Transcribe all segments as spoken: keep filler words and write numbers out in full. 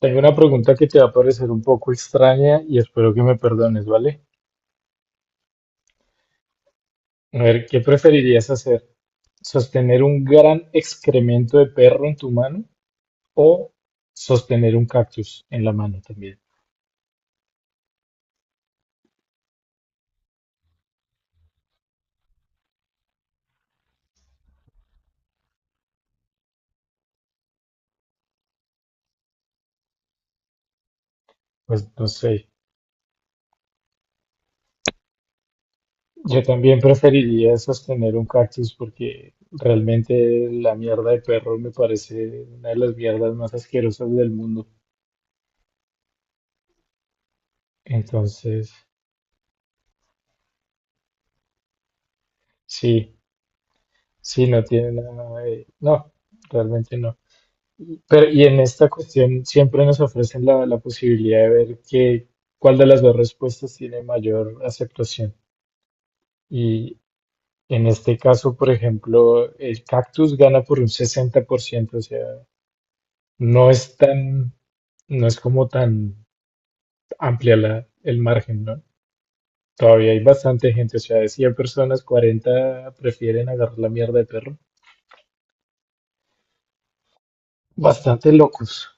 Tengo una pregunta que te va a parecer un poco extraña y espero que me perdones, ¿vale? A ver, ¿qué preferirías hacer? ¿Sostener un gran excremento de perro en tu mano o sostener un cactus en la mano también? Pues no sé. Yo también preferiría sostener un cactus porque realmente la mierda de perro me parece una de las mierdas más asquerosas del mundo. Entonces, sí, sí, no tiene nada de no, realmente no. Pero, y en esta cuestión siempre nos ofrecen la, la posibilidad de ver que, cuál de las dos respuestas tiene mayor aceptación. Y en este caso, por ejemplo, el cactus gana por un sesenta por ciento, o sea, no es tan, no es como tan amplia la, el margen, ¿no? Todavía hay bastante gente, o sea, de cien personas, cuarenta prefieren agarrar la mierda de perro. Bastante locos.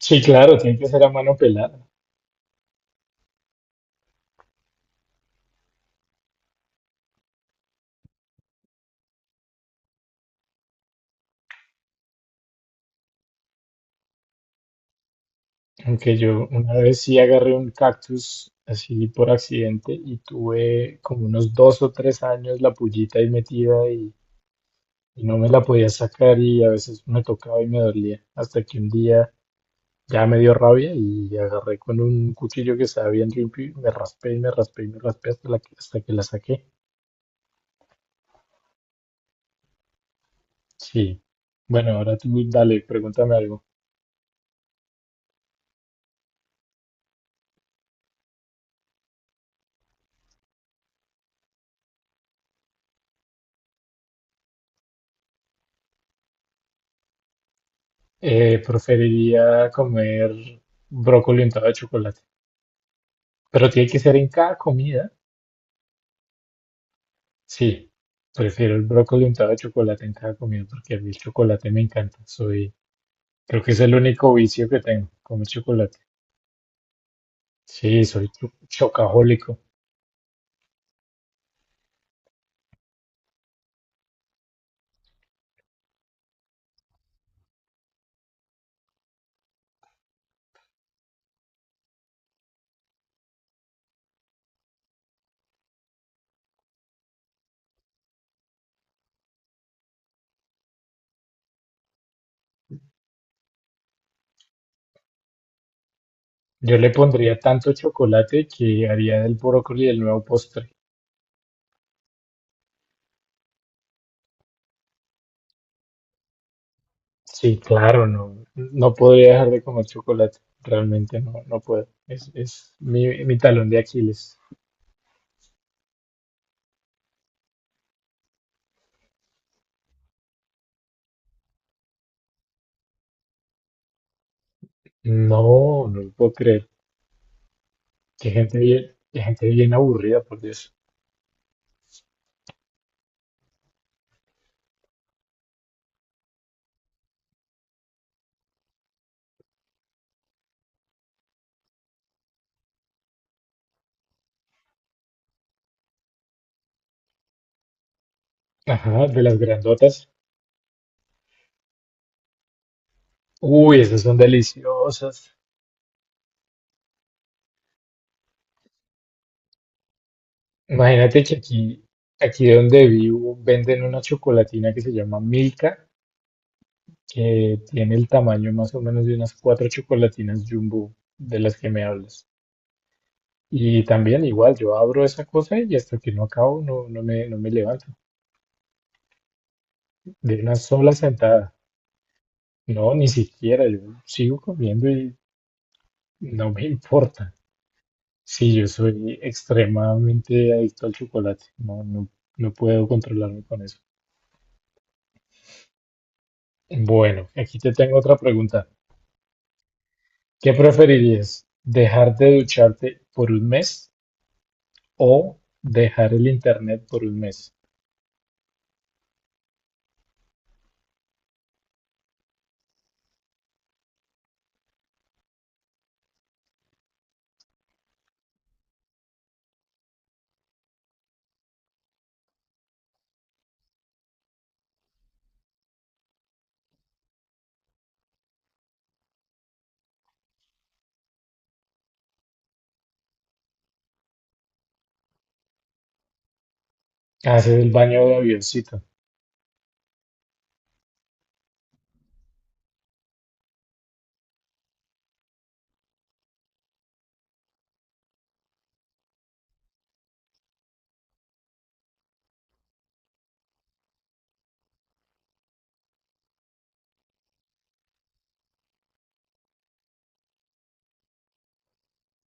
Sí, claro, tiene que ser a mano pelada. Aunque yo una vez sí agarré un cactus así por accidente y tuve como unos dos o tres años la pullita ahí metida y, y no me la podía sacar y a veces me tocaba y me dolía. Hasta que un día ya me dio rabia y agarré con un cuchillo que estaba bien limpio y me raspé y me raspé y me raspé hasta la, hasta que la saqué. Sí. Bueno, ahora tú dale, pregúntame algo. Eh, preferiría comer brócoli untado de chocolate. Pero tiene que ser en cada comida. Sí, prefiero el brócoli untado de chocolate en cada comida porque a mí el chocolate me encanta. Soy, creo que es el único vicio que tengo, comer chocolate. Sí, soy cho- chocajólico. Yo le pondría tanto chocolate que haría del brócoli el nuevo postre. Sí, claro, no, no podría dejar de comer chocolate. Realmente no, no puedo. Es, es mi, mi talón de Aquiles. No, no lo puedo creer. Qué gente bien, qué gente bien aburrida, por Dios. Ajá, de las grandotas. Uy, esas son deliciosas. Imagínate que aquí, aquí donde vivo, venden una chocolatina que se llama Milka, que tiene el tamaño más o menos de unas cuatro chocolatinas Jumbo de las que me hablas. Y también igual, yo abro esa cosa y hasta que no acabo, no, no me, no me levanto. De una sola sentada. No, ni siquiera, yo sigo comiendo y no me importa. Sí, yo soy extremadamente adicto al chocolate. No, no, no puedo controlarme con eso. Bueno, aquí te tengo otra pregunta. ¿Qué preferirías? ¿Dejar de ducharte por un mes o dejar el internet por un mes? Haces el baño de avioncito.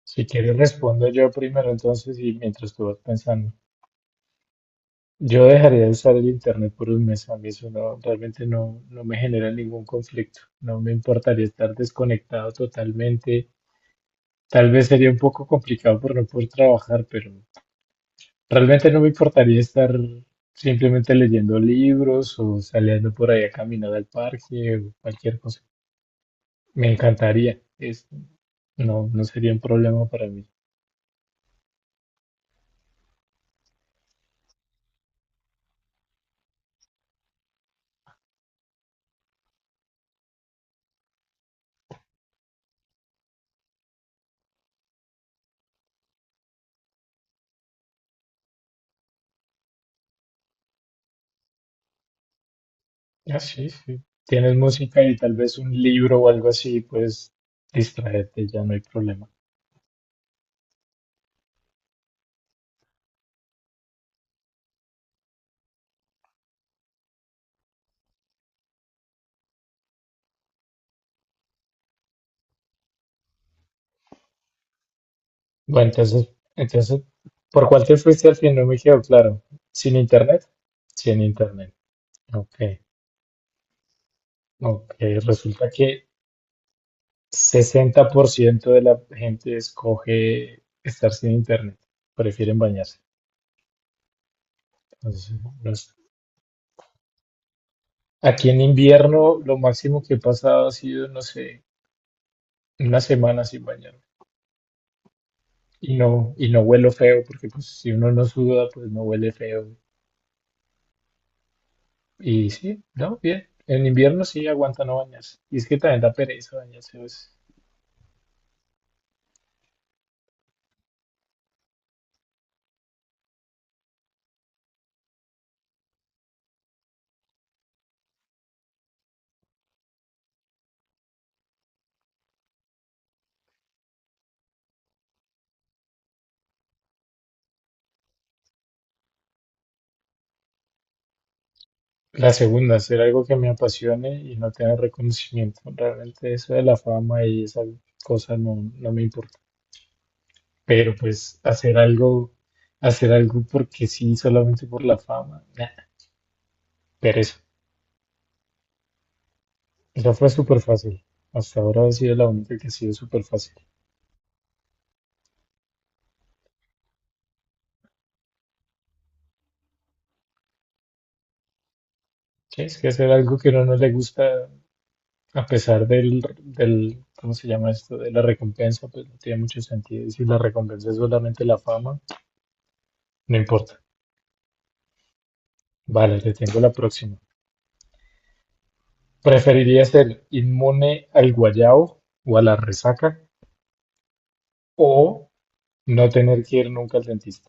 Si quieres, respondo yo primero entonces y mientras tú vas pensando. Yo dejaría de usar el internet por un mes. A mí eso no, realmente no, no me genera ningún conflicto. No me importaría estar desconectado totalmente. Tal vez sería un poco complicado por no poder trabajar, pero realmente no me importaría estar simplemente leyendo libros o saliendo por ahí a caminar al parque o cualquier cosa. Me encantaría. Es, no, no sería un problema para mí. Ah, sí, sí. Tienes música y tal vez un libro o algo así, pues distraerte, ya no hay problema. Bueno, entonces, entonces, ¿por cuál te fuiste al fin? No me quedó claro. ¿Sin internet? Sin internet. Ok, ok. Resulta que sesenta por ciento de la gente escoge estar sin internet, prefieren bañarse. Entonces, no es- aquí en invierno lo máximo que he pasado ha sido, no sé, una semana sin bañarme. Y no, y no huelo feo, porque pues si uno no suda, pues no huele feo. Y sí, no, bien. En invierno sí aguanta no bañarse. Y es que también da pereza bañarse, pues. La segunda, hacer algo que me apasione y no tener reconocimiento. Realmente eso de la fama y esa cosa no, no me importa. Pero pues hacer algo, hacer algo porque sí, solamente por la fama, nah, pero eso eso fue súper fácil. Hasta ahora ha sido la única que ha sido súper fácil. Sí, es que hacer algo que a uno no le gusta, a pesar del, del, ¿cómo se llama esto? De la recompensa, pues no tiene mucho sentido. Y si la recompensa es solamente la fama, no importa. Vale, le tengo la próxima. ¿Preferiría ser inmune al guayao o a la resaca o no tener que ir nunca al dentista?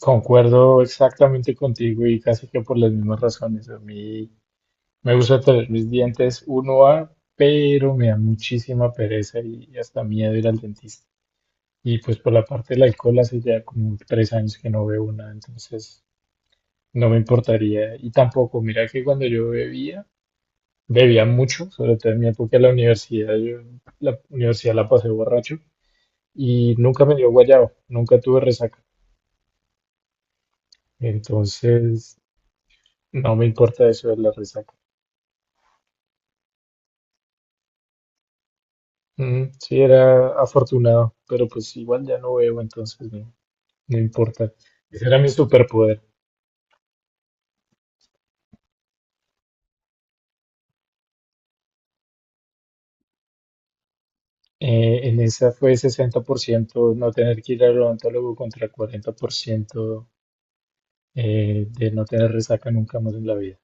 Concuerdo exactamente contigo y casi que por las mismas razones. A mí me gusta tener mis dientes uno a, pero me da muchísima pereza y hasta miedo ir al dentista. Y pues por la parte del alcohol hace ya como tres años que no veo una, entonces no me importaría. Y tampoco, mira que cuando yo bebía, bebía mucho, sobre todo en mi época de la universidad, yo la universidad la pasé borracho y nunca me dio guayabo, nunca tuve resaca. Entonces no me importa eso de la resaca. Mm, sí, era afortunado, pero pues igual ya no veo, entonces no, no importa. Ese era mi superpoder. Eh, en esa fue sesenta por ciento no tener que ir al odontólogo contra cuarenta por ciento eh, de no tener resaca nunca más en la vida.